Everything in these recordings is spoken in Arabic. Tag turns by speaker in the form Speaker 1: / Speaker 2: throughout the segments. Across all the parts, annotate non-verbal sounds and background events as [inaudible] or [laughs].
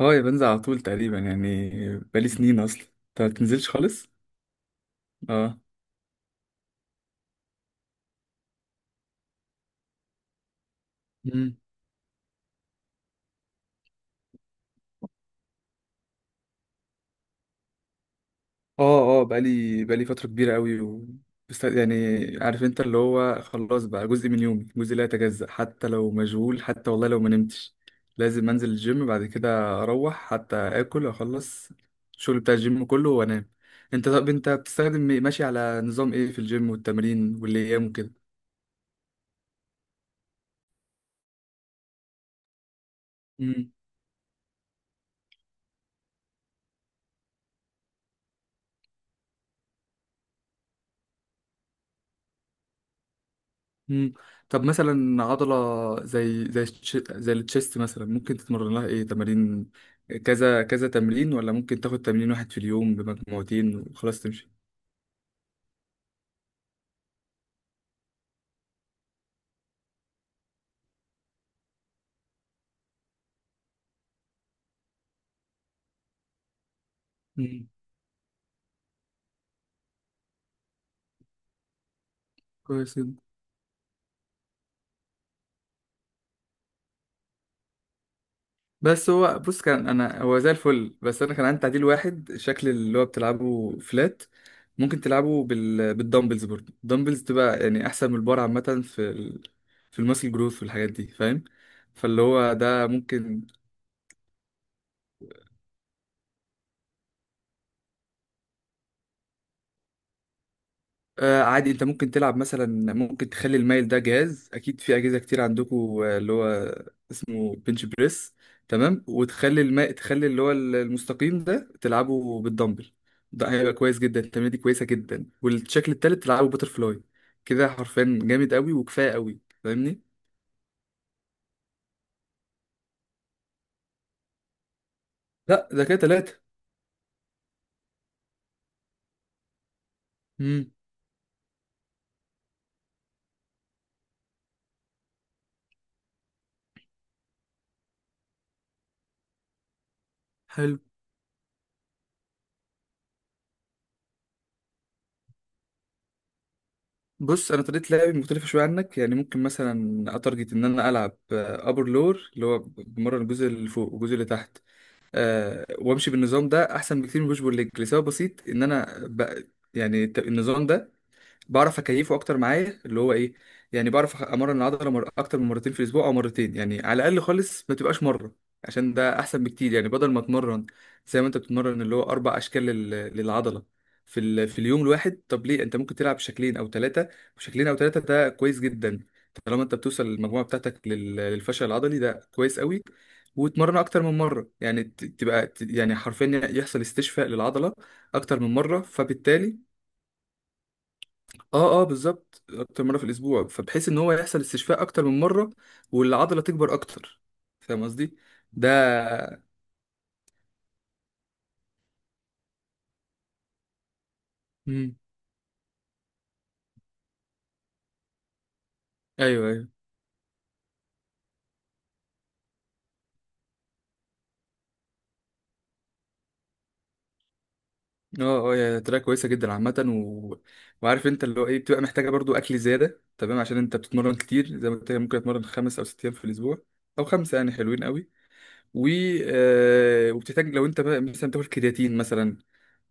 Speaker 1: اه، يا بنزل على طول تقريبا يعني بقالي سنين اصلا. انت ما بتنزلش خالص؟ اه. مم. اه، اه، بقالي فترة كبيرة قوي يعني عارف انت، اللي هو خلاص بقى جزء من يومي، جزء لا يتجزأ. حتى لو مشغول، حتى والله لو ما نمتش لازم انزل الجيم. بعد كده اروح حتى اكل، اخلص الشغل بتاع الجيم كله وانام. طب انت بتستخدم ماشي على نظام ايه في الجيم والتمرين والايام وكده؟ مم. طب مثلا عضلة زي التشيست مثلا، ممكن تتمرن لها ايه تمارين؟ كذا كذا تمرين، ولا ممكن تاخد تمرين واحد في اليوم بمجموعتين وخلاص تمشي؟ مم. كويس جدا. بس هو بص، كان انا هو زي الفل. بس انا كان عندي تعديل واحد، شكل اللي هو بتلعبه فلات ممكن تلعبه بالدمبلز، برضه الدمبلز تبقى يعني احسن من البار عامة في في الماسل جروث والحاجات دي. فاهم؟ فاللي هو ده ممكن. آه عادي، انت ممكن تلعب مثلا، ممكن تخلي المايل ده جهاز، اكيد في اجهزه كتير عندكم، اللي هو اسمه بنش بريس. تمام، وتخلي الماء تخلي اللي هو المستقيم ده تلعبه بالدمبل. ده هيبقى كويس جدا، التمرينه دي كويسه جدا. والشكل التالت تلعبه باتر فلاي، كده حرفيا جامد قوي وكفايه قوي. فاهمني؟ لا، ده كده تلاته. امم. حلو، بص انا طريقه لعبي مختلفه شويه عنك. يعني ممكن مثلا اتارجت ان انا العب ابر لور، اللي هو بمرن الجزء اللي فوق والجزء اللي تحت، وامشي بالنظام ده احسن بكتير من بوش بول ليج. لسبب بسيط ان انا يعني النظام ده بعرف اكيفه اكتر معايا، اللي هو ايه يعني، بعرف امرن العضله اكتر من مرتين في الاسبوع، او مرتين يعني على الاقل، خالص ما تبقاش مره. عشان ده احسن بكتير. يعني بدل ما اتمرن زي ما انت بتتمرن، اللي هو اربع اشكال للعضله في في اليوم الواحد، طب ليه؟ انت ممكن تلعب شكلين او ثلاثه. شكلين او ثلاثه ده كويس جدا طالما انت بتوصل المجموعه بتاعتك للفشل العضلي، ده كويس قوي. وتمرن اكتر من مره، يعني تبقى يعني حرفيا يحصل استشفاء للعضله اكتر من مره فبالتالي. اه، اه، بالظبط، اكتر مره في الاسبوع، فبحيث ان هو يحصل استشفاء اكتر من مره والعضله تكبر اكتر. فاهم قصدي؟ ده امم. ايوه، ايوه، اه، اه، هي طريقه كويسه جدا عامه. وعارف انت، اللي هو ايه، بتبقى محتاجه برضو اكل زياده. تمام عشان انت بتتمرن كتير، زي ما قلت لك ممكن اتمرن 5 او 6 ايام في الاسبوع، او خمسه، يعني حلوين قوي. و آه وبتحتاج لو انت بقى مثلا بتاخد كرياتين، مثلا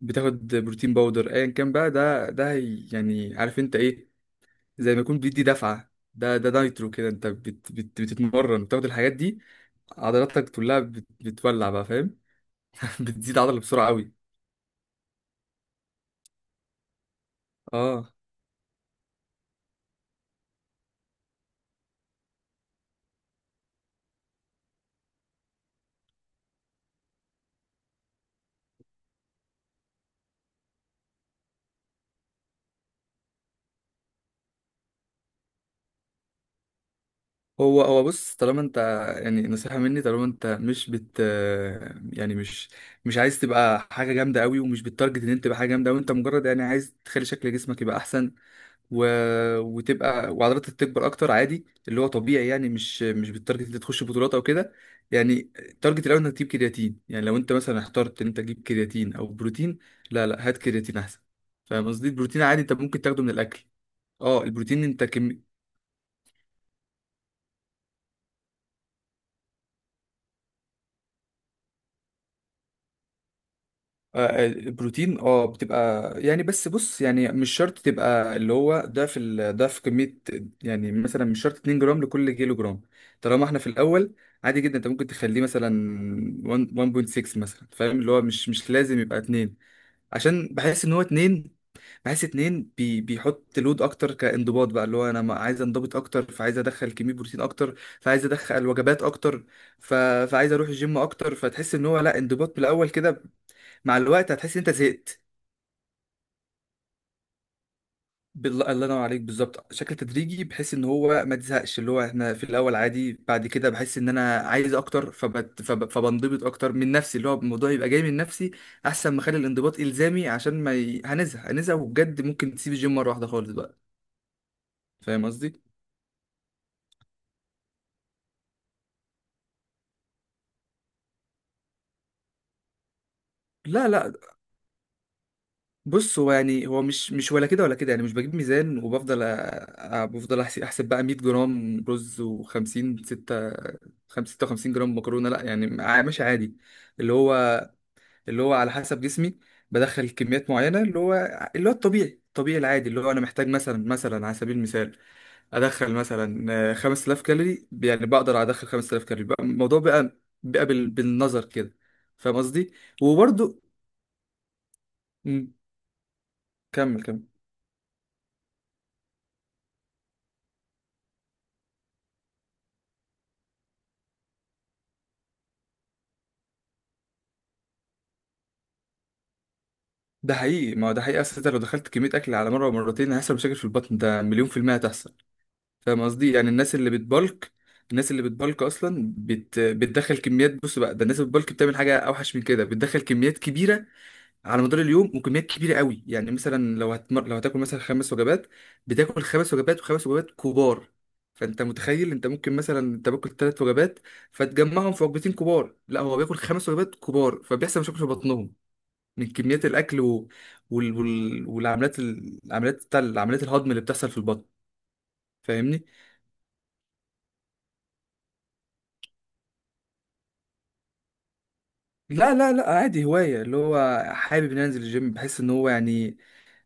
Speaker 1: بتاخد بروتين باودر، ايا كان بقى. يعني عارف انت ايه، زي ما يكون بيدي دفعة. ده نايترو كده، انت بت بت بتتمرن بتاخد الحاجات دي، عضلاتك كلها بتولع بقى. فاهم؟ [laughs] بتزيد عضلة بسرعة قوي. اه. هو هو بص، طالما انت يعني نصيحة مني، طالما انت مش بت يعني مش عايز تبقى حاجة جامدة قوي ومش بتارجت ان انت تبقى حاجة جامدة، وانت مجرد يعني عايز تخلي شكل جسمك يبقى احسن و... وتبقى وعضلاتك تكبر اكتر، عادي اللي هو طبيعي يعني. مش بالتارجت اللي تخش بطولات او كده. يعني التارجت الاول انك تجيب كرياتين، يعني لو انت مثلا اخترت ان انت تجيب كرياتين او بروتين، لا لا، هات كرياتين احسن. فاهم قصدي؟ البروتين عادي انت ممكن تاخده من الاكل. اه، البروتين انت كم... آه، البروتين اه بتبقى يعني. بس بص يعني، مش شرط تبقى اللي هو ضعف ضعف كمية. يعني مثلا مش شرط 2 جرام لكل كيلو جرام. طالما احنا في الأول، عادي جدا انت ممكن تخليه مثلا 1، 1.6 مثلا، فاهم؟ اللي هو مش لازم يبقى 2. عشان بحس ان هو 2، بحس 2 بي بيحط لود اكتر كانضباط بقى. اللي هو انا عايز انضبط اكتر، فعايز ادخل كمية بروتين اكتر، فعايز ادخل وجبات اكتر، ف... فعايز اروح الجيم اكتر. فتحس ان هو لا، انضباط بالاول كده. مع الوقت هتحس ان انت زهقت. بالله، الله ينور عليك، بالظبط شكل تدريجي بحيث ان هو ما تزهقش. اللي هو احنا في الاول عادي، بعد كده بحس ان انا عايز اكتر، فبت فب فبنضبط اكتر من نفسي، اللي هو الموضوع يبقى جاي من نفسي. احسن ما اخلي الانضباط الزامي، عشان ما هنزهق وبجد ممكن تسيب الجيم مره واحده خالص بقى. فاهم قصدي؟ لا لا، بص هو يعني هو مش ولا كده ولا كده. يعني مش بجيب ميزان وبفضل بفضل احسب بقى 100 جرام رز و50 6، 56 جرام مكرونه، لا يعني. ماشي عادي، اللي هو على حسب جسمي بدخل كميات معينه. اللي هو الطبيعي الطبيعي العادي، اللي هو انا محتاج مثلا، على سبيل المثال ادخل مثلا 5000 كالوري. يعني بقدر ادخل 5000 كالوري بقى، الموضوع بقى بالنظر كده. فاهم قصدي؟ وبرده. كمل كمل، ده حقيقي. ما هو ده حقيقي اصل، انت لو دخلت كميه اكل على مره ومرتين هيحصل مشاكل في البطن. ده مليون في الميه هتحصل. فاهم قصدي؟ يعني الناس اللي بتبلك اصلا بتدخل كميات. بص بقى، ده الناس اللي بتبلك بتعمل حاجه اوحش من كده، بتدخل كميات كبيره على مدار اليوم وكميات كبيره قوي. يعني مثلا لو هتاكل مثلا خمس وجبات، بتاكل خمس وجبات وخمس وجبات كبار. فانت متخيل، انت ممكن مثلا انت باكل ثلاث وجبات فتجمعهم في وجبتين كبار، لا، هو بياكل خمس وجبات كبار. فبيحصل مشاكل في بطنهم من كميات الاكل والعمليات العمليات الهضم اللي بتحصل في البطن. فاهمني؟ لا لا لا، عادي هوايه. اللي هو حابب ان انزل الجيم، بحس ان هو يعني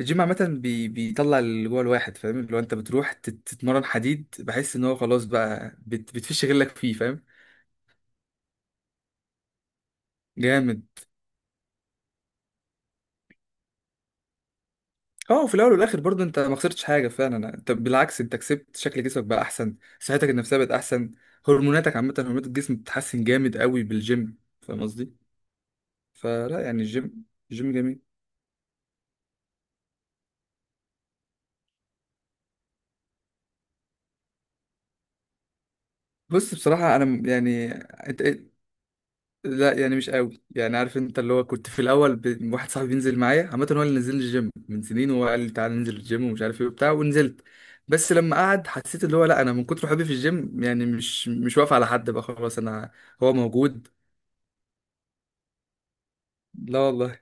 Speaker 1: الجيم عامه بيطلع اللي جوه الواحد. فاهم؟ اللي هو انت بتروح تتمرن حديد، بحس ان هو خلاص بقى بتفش غلك فيه. فاهم؟ جامد. اه، في الاول والاخر برضه انت ما خسرتش حاجه فعلا، انت بالعكس انت كسبت شكل جسمك بقى احسن، صحتك النفسيه بقت احسن، هرموناتك عامه هرمونات الجسم بتتحسن جامد قوي بالجيم. فاهم قصدي؟ فلا يعني الجيم جميل. بص بصراحة أنا يعني لا يعني مش قوي. يعني عارف أنت، اللي هو كنت في الأول واحد صاحبي بينزل معايا عامة، هو اللي نزل الجيم من سنين، وهو قال لي تعالى ننزل الجيم ومش عارف إيه وبتاع ونزلت. بس لما قعد حسيت اللي هو لا، أنا من كتر حبي في الجيم يعني مش واقف على حد بقى. خلاص أنا. هو موجود، لا والله،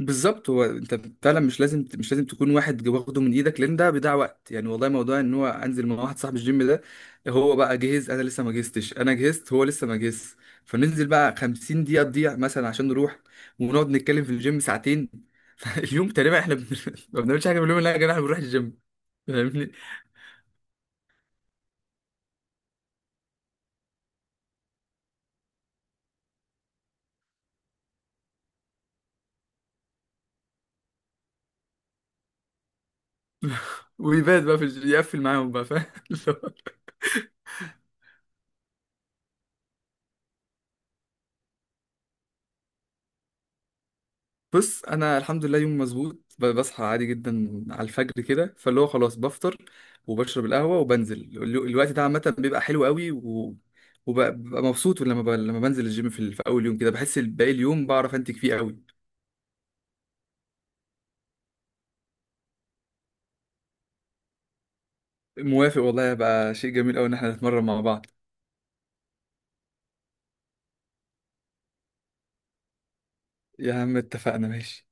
Speaker 1: بالظبط. هو انت فعلا مش لازم، مش لازم تكون واحد واخده من ايدك، لان ده بيضيع وقت. يعني والله موضوع ان هو انزل مع واحد صاحب الجيم، ده هو بقى جهز انا لسه ما جهزتش، انا جهزت هو لسه ما جهزش. فننزل بقى 50 دقيقة تضيع مثلا عشان نروح ونقعد نتكلم في الجيم ساعتين. [laughs] فاليوم تقريبا احنا [laughs] ما بنعملش حاجة في اليوم. لا يا جماعة احنا بنروح الجيم. فاهمني؟ ويبات بقى في يقفل معاهم بقى. فاهم؟ [laughs] بص انا الحمد لله، يوم مظبوط. بصحى عادي جدا على الفجر كده، فاللي هو خلاص بفطر وبشرب القهوه وبنزل الوقت ده عامه بيبقى حلو قوي. وببقى مبسوط لما لما بنزل الجيم في، في اول يوم كده بحس باقي اليوم بعرف انتج فيه قوي. موافق والله، هيبقى شيء جميل قوي ان احنا نتمرن مع بعض. يا عم اتفقنا، ماشي.